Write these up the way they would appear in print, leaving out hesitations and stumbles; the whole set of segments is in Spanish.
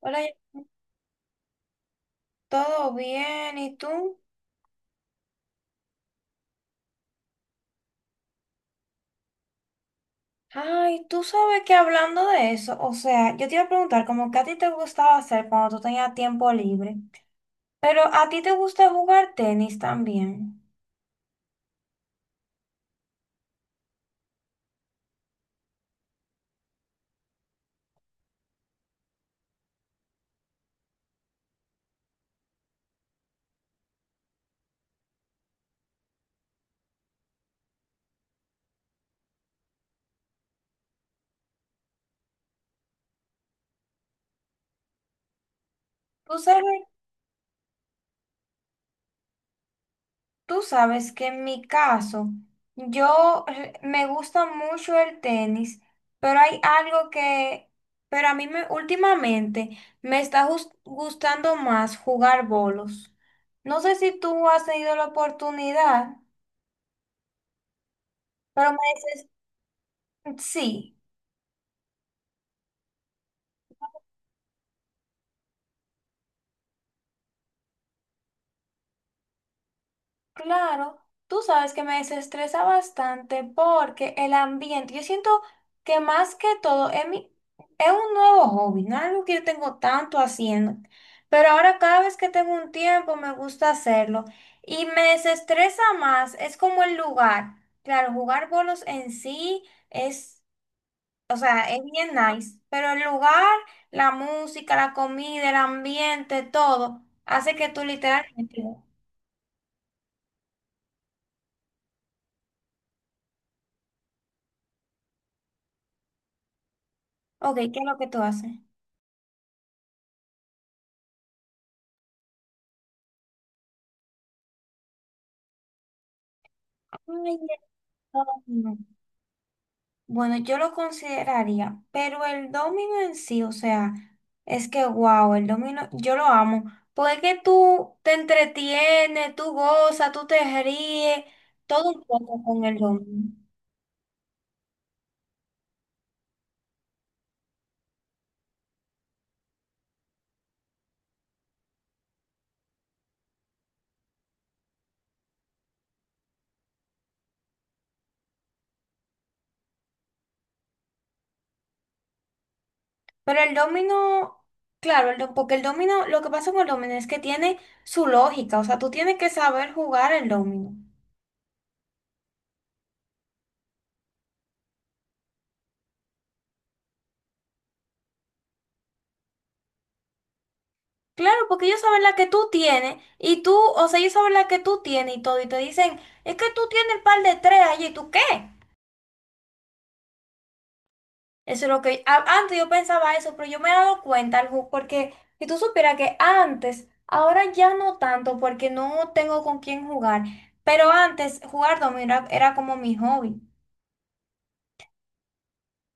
Hola, ¿todo bien? ¿Y tú? Ay, tú sabes que hablando de eso, o sea, yo te iba a preguntar como que a ti te gustaba hacer cuando tú tenías tiempo libre, pero a ti te gusta jugar tenis también. Tú sabes, tú sabes que en mi caso, yo me gusta mucho el tenis, pero hay algo que, pero a mí me, últimamente me está gustando más jugar bolos. No sé si tú has tenido la oportunidad. Pero me dices sí, claro. Tú sabes que me desestresa bastante porque el ambiente, yo siento que más que todo es mi, es un nuevo hobby, no es algo que yo tengo tanto haciendo, pero ahora cada vez que tengo un tiempo me gusta hacerlo y me desestresa más, es como el lugar. Claro, jugar bolos en sí es, o sea, es bien nice, pero el lugar, la música, la comida, el ambiente, todo, hace que tú literalmente. Ok, ¿qué es lo que tú haces? Ay, el domino. Bueno, yo lo consideraría, pero el domino en sí, o sea, es que wow, el domino, yo lo amo, porque es que tú te entretienes, tú gozas, tú te ríes, todo un poco con el domino. Pero el domino, claro, porque el domino, lo que pasa con el domino es que tiene su lógica, o sea, tú tienes que saber jugar el domino. Claro, porque ellos saben la que tú tienes y tú, o sea, ellos saben la que tú tienes y todo y te dicen, es que tú tienes el par de tres allí, ¿y tú qué? Eso es lo que antes yo pensaba eso, pero yo me he dado cuenta, Arju, porque si tú supieras que antes, ahora ya no tanto porque no tengo con quién jugar, pero antes jugar dominó era, era como mi hobby.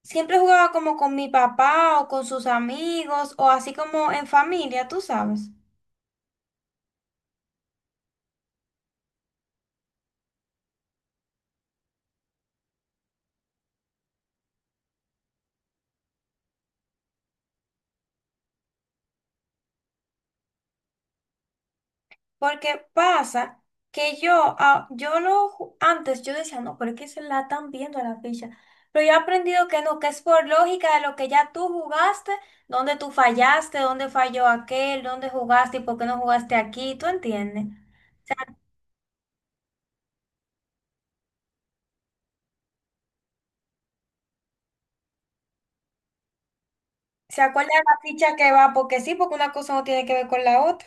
Siempre jugaba como con mi papá o con sus amigos o así como en familia, tú sabes. Porque pasa que yo, ah, yo lo, antes yo decía, no, pero es que se la están viendo a la ficha. Pero yo he aprendido que no, que es por lógica de lo que ya tú jugaste, dónde tú fallaste, dónde falló aquel, dónde jugaste y por qué no jugaste aquí, ¿tú entiendes? ¿Se acuerda de la ficha que va? Porque sí, porque una cosa no tiene que ver con la otra.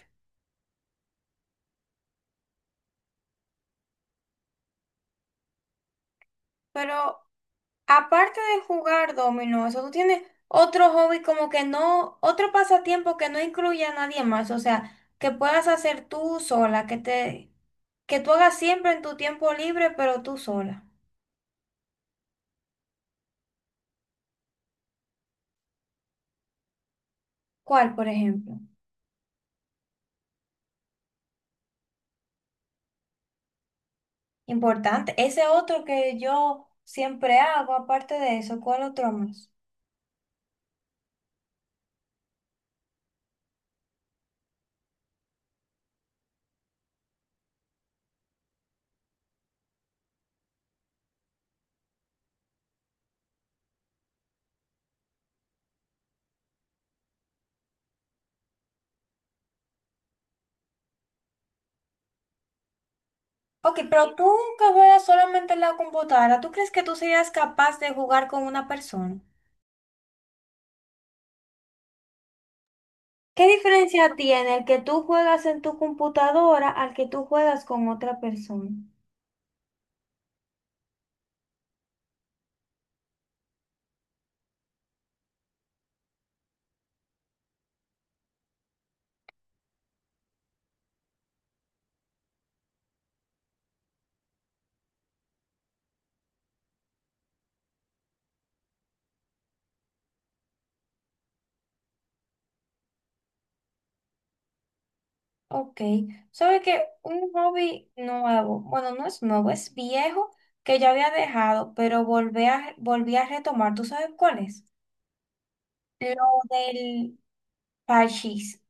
Pero aparte de jugar dominó, eso tú tienes otro hobby como que no, otro pasatiempo que no incluya a nadie más, o sea, que puedas hacer tú sola, que te, que tú hagas siempre en tu tiempo libre, pero tú sola. ¿Cuál, por ejemplo? Importante. Ese otro que yo siempre hago, aparte de eso, ¿cuál otro más? Ok, pero tú que juegas solamente en la computadora, ¿tú crees que tú serías capaz de jugar con una persona? ¿Qué diferencia tiene el que tú juegas en tu computadora al que tú juegas con otra persona? Ok, sabe que un hobby nuevo, bueno, no es nuevo, es viejo que ya había dejado, pero volví a retomar. ¿Tú sabes cuál es? Lo del parchís.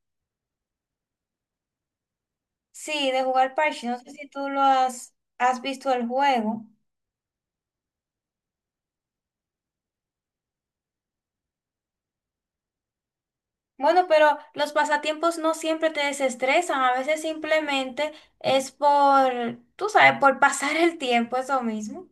Sí, de jugar parchís. No sé si tú has visto el juego. Bueno, pero los pasatiempos no siempre te desestresan, a veces simplemente es por, tú sabes, por pasar el tiempo, eso mismo.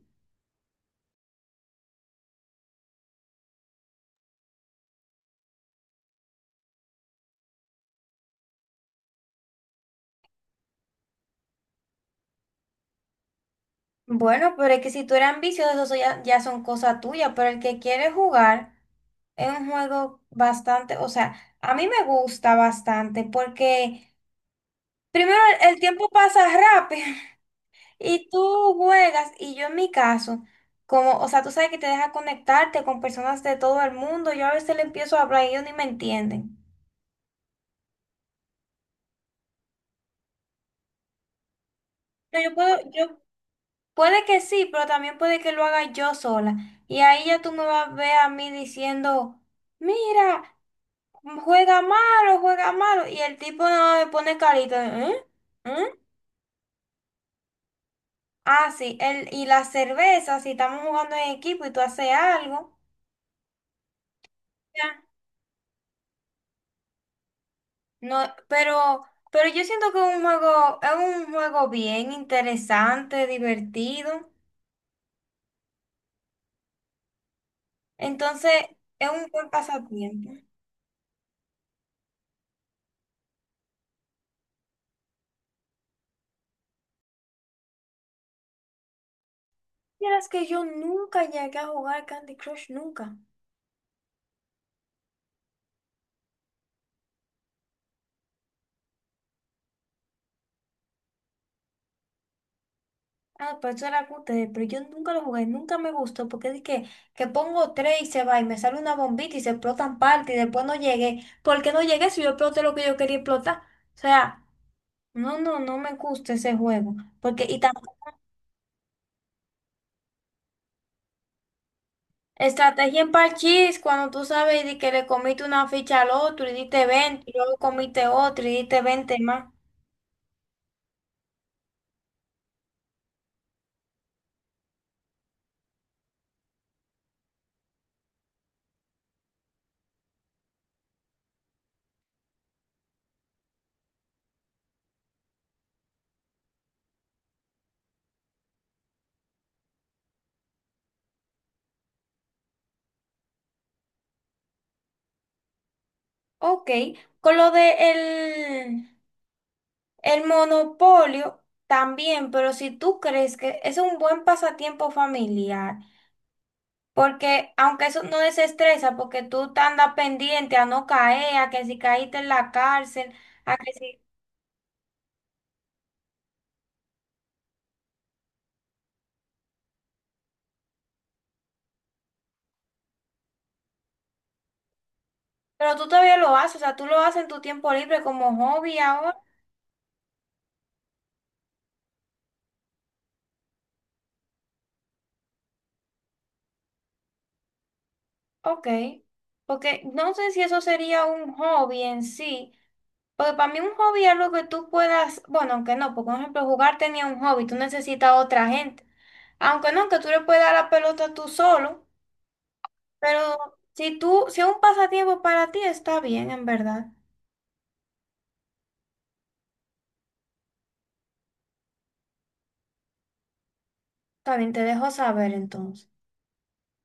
Bueno, pero es que si tú eres ambicioso, eso ya son cosas tuyas, pero el que quiere jugar es un juego bastante, o sea, a mí me gusta bastante porque primero el tiempo pasa rápido y tú juegas y yo en mi caso, como, o sea, tú sabes que te deja conectarte con personas de todo el mundo, yo a veces le empiezo a hablar y ellos ni me entienden. No, yo puede que sí, pero también puede que lo haga yo sola. Y ahí ya tú me vas a ver a mí diciendo, mira, juega malo, juega malo. Y el tipo no me pone carita. ¿Eh? ¿Eh? Ah, sí, el, y la cerveza, si estamos jugando en equipo y tú haces algo. Ya. No, pero yo siento que es un juego bien interesante, divertido. Entonces, es un buen pasatiempo. Vieras que yo nunca llegué a jugar Candy Crush, nunca. Ah, pues eso era que ustedes, pero yo nunca lo jugué, nunca me gustó, porque dije que pongo tres y se va y me sale una bombita y se explotan parte y después no llegué. ¿Por qué no llegué si yo exploté lo que yo quería explotar? O sea, no, no, no me gusta ese juego. Porque, y también, estrategia en parchís, cuando tú sabes di que le comiste una ficha al otro y diste 20, y luego comiste otro y diste 20 más. Ok, con lo de el... El monopolio también, pero si tú crees que es un buen pasatiempo familiar, porque aunque eso no desestresa, porque tú te andas pendiente a no caer, a que si caíste en la cárcel, a que si... Pero tú todavía lo haces, o sea, tú lo haces en tu tiempo libre como hobby ahora, ok. Porque no sé si eso sería un hobby en sí. Porque para mí un hobby es lo que tú puedas, bueno, aunque no, porque por ejemplo jugar tenía un hobby, tú necesitas a otra gente. Aunque no, que tú le puedes dar la pelota tú solo, pero si tú, si es un pasatiempo para ti, está bien, en verdad. Está bien, te dejo saber entonces.